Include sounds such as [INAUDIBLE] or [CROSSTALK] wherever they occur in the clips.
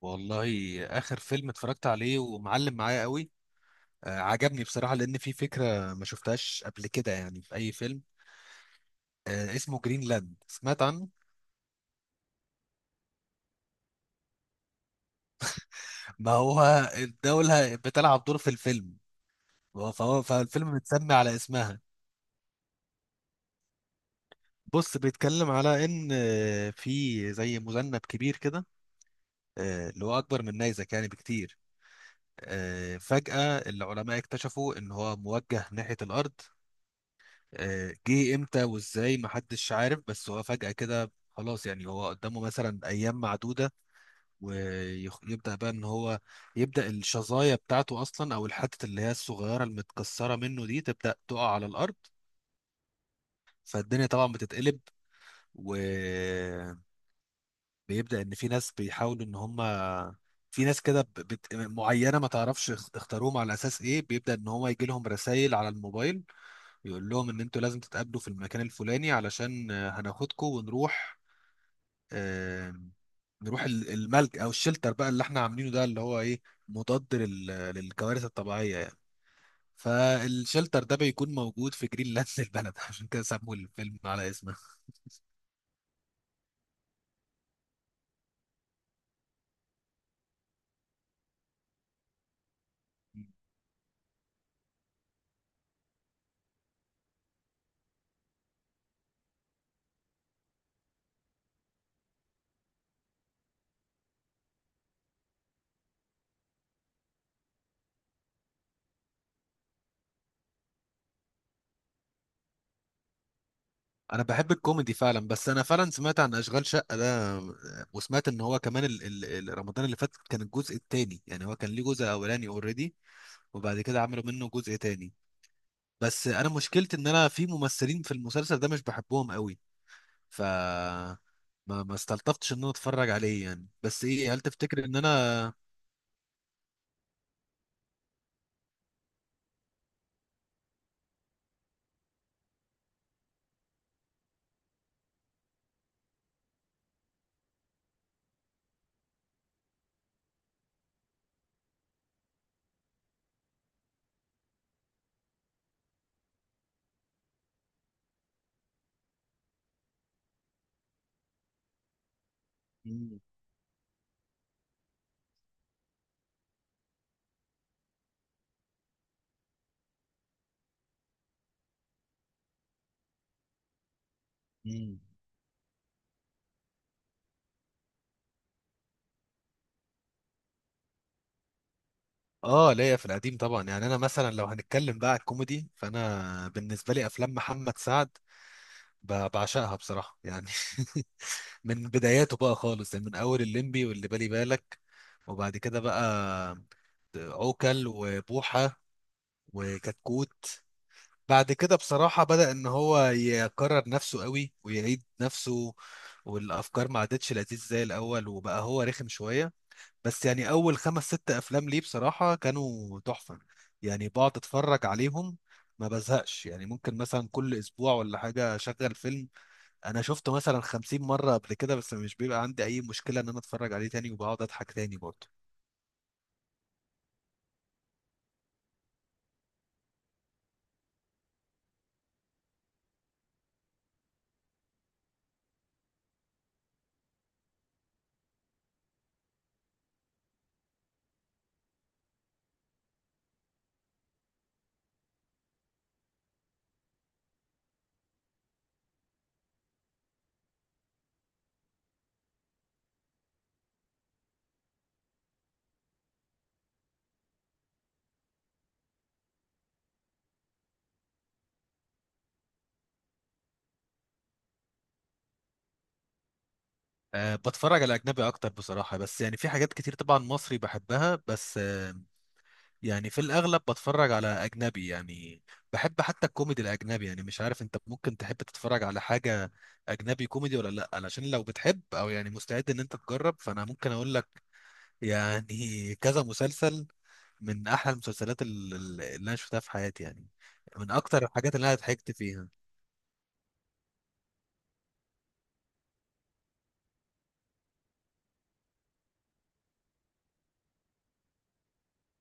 والله اخر فيلم اتفرجت عليه ومعلم معايا قوي. عجبني بصراحه لان في فكره ما شفتهاش قبل كده يعني في اي فيلم. اسمه جرينلاند، سمعت عنه. ما هو الدوله بتلعب دور في الفيلم، فهو فالفيلم متسمي على اسمها. بص، بيتكلم على ان في زي مذنب كبير كده، اللي هو اكبر من نيزك يعني بكتير. فجأة العلماء اكتشفوا ان هو موجه ناحية الارض. جه امتى وازاي محدش عارف، بس هو فجأة كده خلاص يعني هو قدامه مثلا ايام معدودة. ويبدأ بقى ان هو يبدأ الشظايا بتاعته اصلا او الحتة اللي هي الصغيرة المتكسرة منه دي تبدأ تقع على الارض. فالدنيا طبعا بتتقلب، وبيبدأ ان في ناس بيحاولوا ان هم، في ناس كده معينة ما تعرفش اختاروهم على اساس ايه، بيبدأ ان هو يجي لهم رسائل على الموبايل يقول لهم ان انتوا لازم تتقابلوا في المكان الفلاني علشان هناخدكم ونروح. آه، نروح الملج او الشلتر بقى اللي احنا عاملينه ده اللي هو ايه، مضاد للكوارث الطبيعيه يعني. فالشلتر ده بيكون موجود في جرينلاند [LAUGHS] البلد، عشان كده سموا الفيلم على اسمه. انا بحب الكوميدي فعلا، بس انا فعلا سمعت عن اشغال شقه ده، وسمعت ان هو كمان رمضان اللي فات كان الجزء الثاني، يعني هو كان ليه جزء اولاني اوريدي وبعد كده عملوا منه جزء تاني. بس انا مشكلتي ان انا في ممثلين في المسلسل ده مش بحبهم قوي، ف ما استلطفتش ان انا اتفرج عليه يعني. بس ايه، هل تفتكر ان انا؟ مم. مم. اه، ليا في القديم طبعا. يعني انا مثلا لو هنتكلم بقى على الكوميدي، فانا بالنسبه لي افلام محمد سعد بعشقها بصراحه يعني. [LAUGHS] من بداياته بقى خالص، يعني من اول الليمبي واللي بالي بالك، وبعد كده بقى عوكل وبوحه وكتكوت. بعد كده بصراحة بدأ إن هو يكرر نفسه قوي ويعيد نفسه، والأفكار ما عادتش لذيذ زي الأول وبقى هو رخم شوية. بس يعني أول خمس ست أفلام ليه بصراحة كانوا تحفة. يعني بقعد أتفرج عليهم ما بزهقش، يعني ممكن مثلا كل أسبوع ولا حاجة أشغل فيلم. أنا شفته مثلا 50 مرة قبل كده، بس مش بيبقى عندي أي مشكلة إن أنا أتفرج عليه تاني وبقعد أضحك تاني برضه. أه، بتفرج على أجنبي أكتر بصراحة، بس يعني في حاجات كتير طبعا مصري بحبها. بس يعني في الأغلب بتفرج على أجنبي يعني. بحب حتى الكوميدي الأجنبي. يعني مش عارف أنت ممكن تحب تتفرج على حاجة أجنبي كوميدي ولا لأ؟ علشان لو بتحب أو يعني مستعد إن أنت تجرب، فأنا ممكن أقول لك يعني [LAUGHS] كذا مسلسل من أحلى المسلسلات اللي أنا شفتها في حياتي يعني، من أكتر الحاجات اللي أنا ضحكت فيها.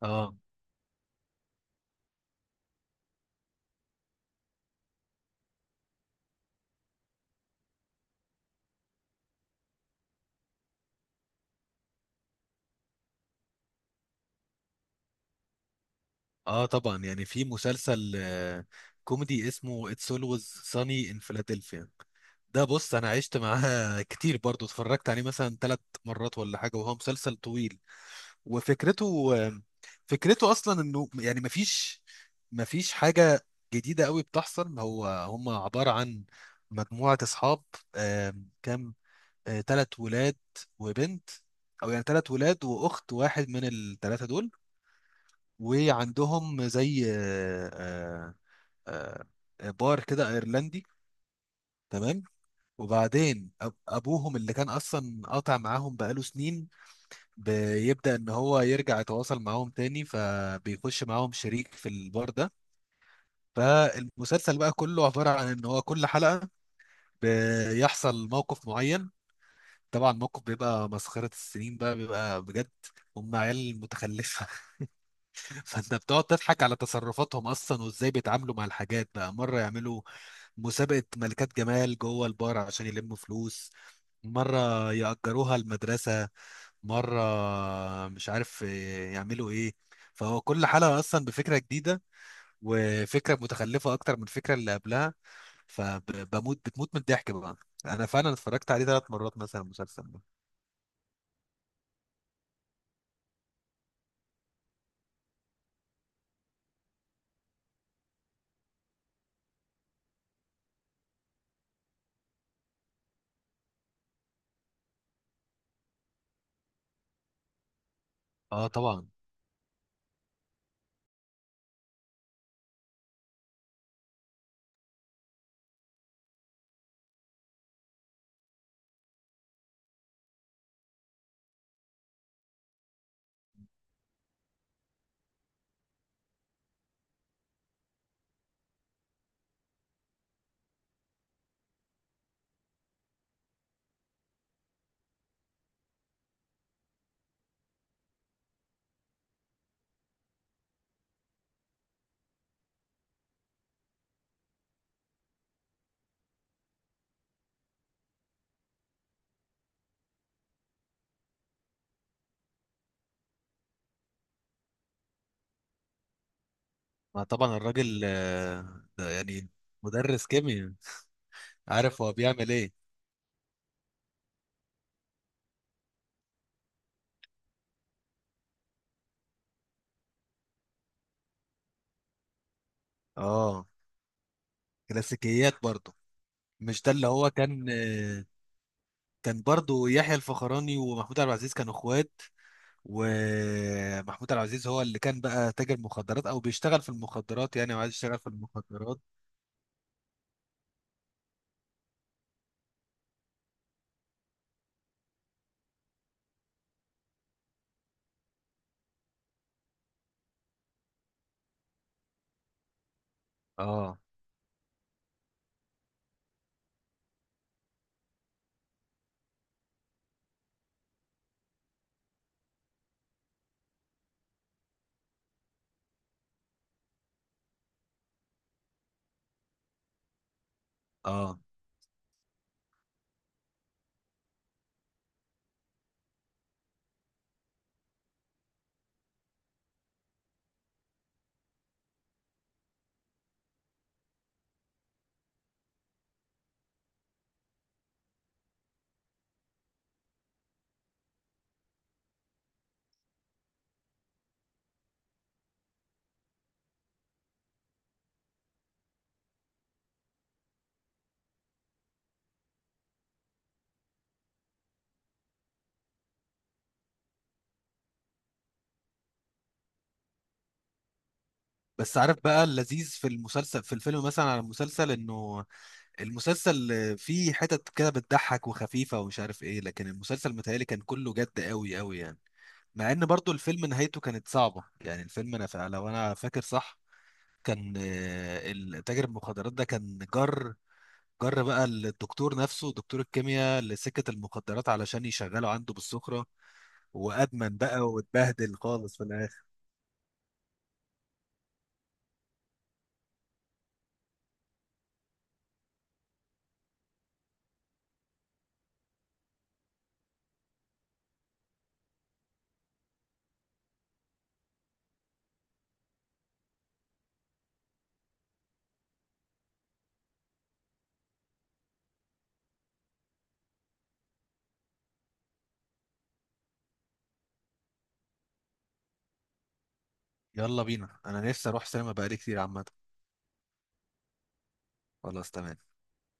اه، اه طبعا. يعني في مسلسل كوميدي اسمه It's Always Sunny in Philadelphia. ده بص انا عشت معاه [LAUGHS] كتير، برضو اتفرجت عليه مثلا ثلاث مرات ولا حاجه، وهو مسلسل طويل. وفكرته، فكرته اصلا انه يعني مفيش حاجه جديده قوي بتحصل. هو هم عباره عن مجموعه اصحاب، كام، ثلاث ولاد وبنت، او يعني ثلاث ولاد واخت واحد من الثلاثه دول. وعندهم زي بار كده ايرلندي، تمام؟ وبعدين ابوهم اللي كان اصلا قاطع معاهم بقاله سنين بيبدأ ان هو يرجع يتواصل معاهم تاني، فبيخش معاهم شريك في البار ده. فالمسلسل بقى كله عبارة عن ان هو كل حلقة بيحصل موقف معين، طبعا الموقف بيبقى مسخرة السنين بقى، بيبقى بجد هم عيال متخلفة. [LAUGHS] فانت بتقعد تضحك على تصرفاتهم اصلا وازاي بيتعاملوا مع الحاجات بقى. مره يعملوا مسابقة ملكات جمال جوه البار عشان يلموا فلوس، مرة يأجروها المدرسة، مرة مش عارف إيه، يعملوا ايه. فهو كل حلقة أصلا بفكرة جديدة، وفكرة متخلفة أكتر من الفكرة اللي قبلها، فبموت بتموت من الضحك بقى. أنا فعلا اتفرجت عليه ثلاث مرات مثلا المسلسل ده. اه طبعا. ما طبعا الراجل ده يعني مدرس كيمياء، عارف هو بيعمل ايه. اه، كلاسيكيات برضه. مش ده اللي هو كان، كان برضو يحيى الفخراني ومحمود عبد العزيز كانوا اخوات، ومحمود عبد العزيز هو اللي كان بقى تاجر مخدرات او بيشتغل في المخدرات يعني، وعايز يشتغل في المخدرات. اه. اه، بس عارف بقى اللذيذ في المسلسل في الفيلم مثلا، على المسلسل انه المسلسل فيه حتت كده بتضحك وخفيفة ومش عارف ايه، لكن المسلسل متهيألي كان كله جد قوي قوي يعني. مع ان برضو الفيلم نهايته كانت صعبة يعني. الفيلم انا لو انا فاكر صح، كان التاجر المخدرات ده كان جر بقى الدكتور نفسه دكتور الكيمياء لسكة المخدرات علشان يشغله عنده بالسخرة، وأدمن بقى واتبهدل خالص في الآخر. يلا بينا، أنا نفسي أروح سينما بقالي كتير عامة. خلاص، تمام.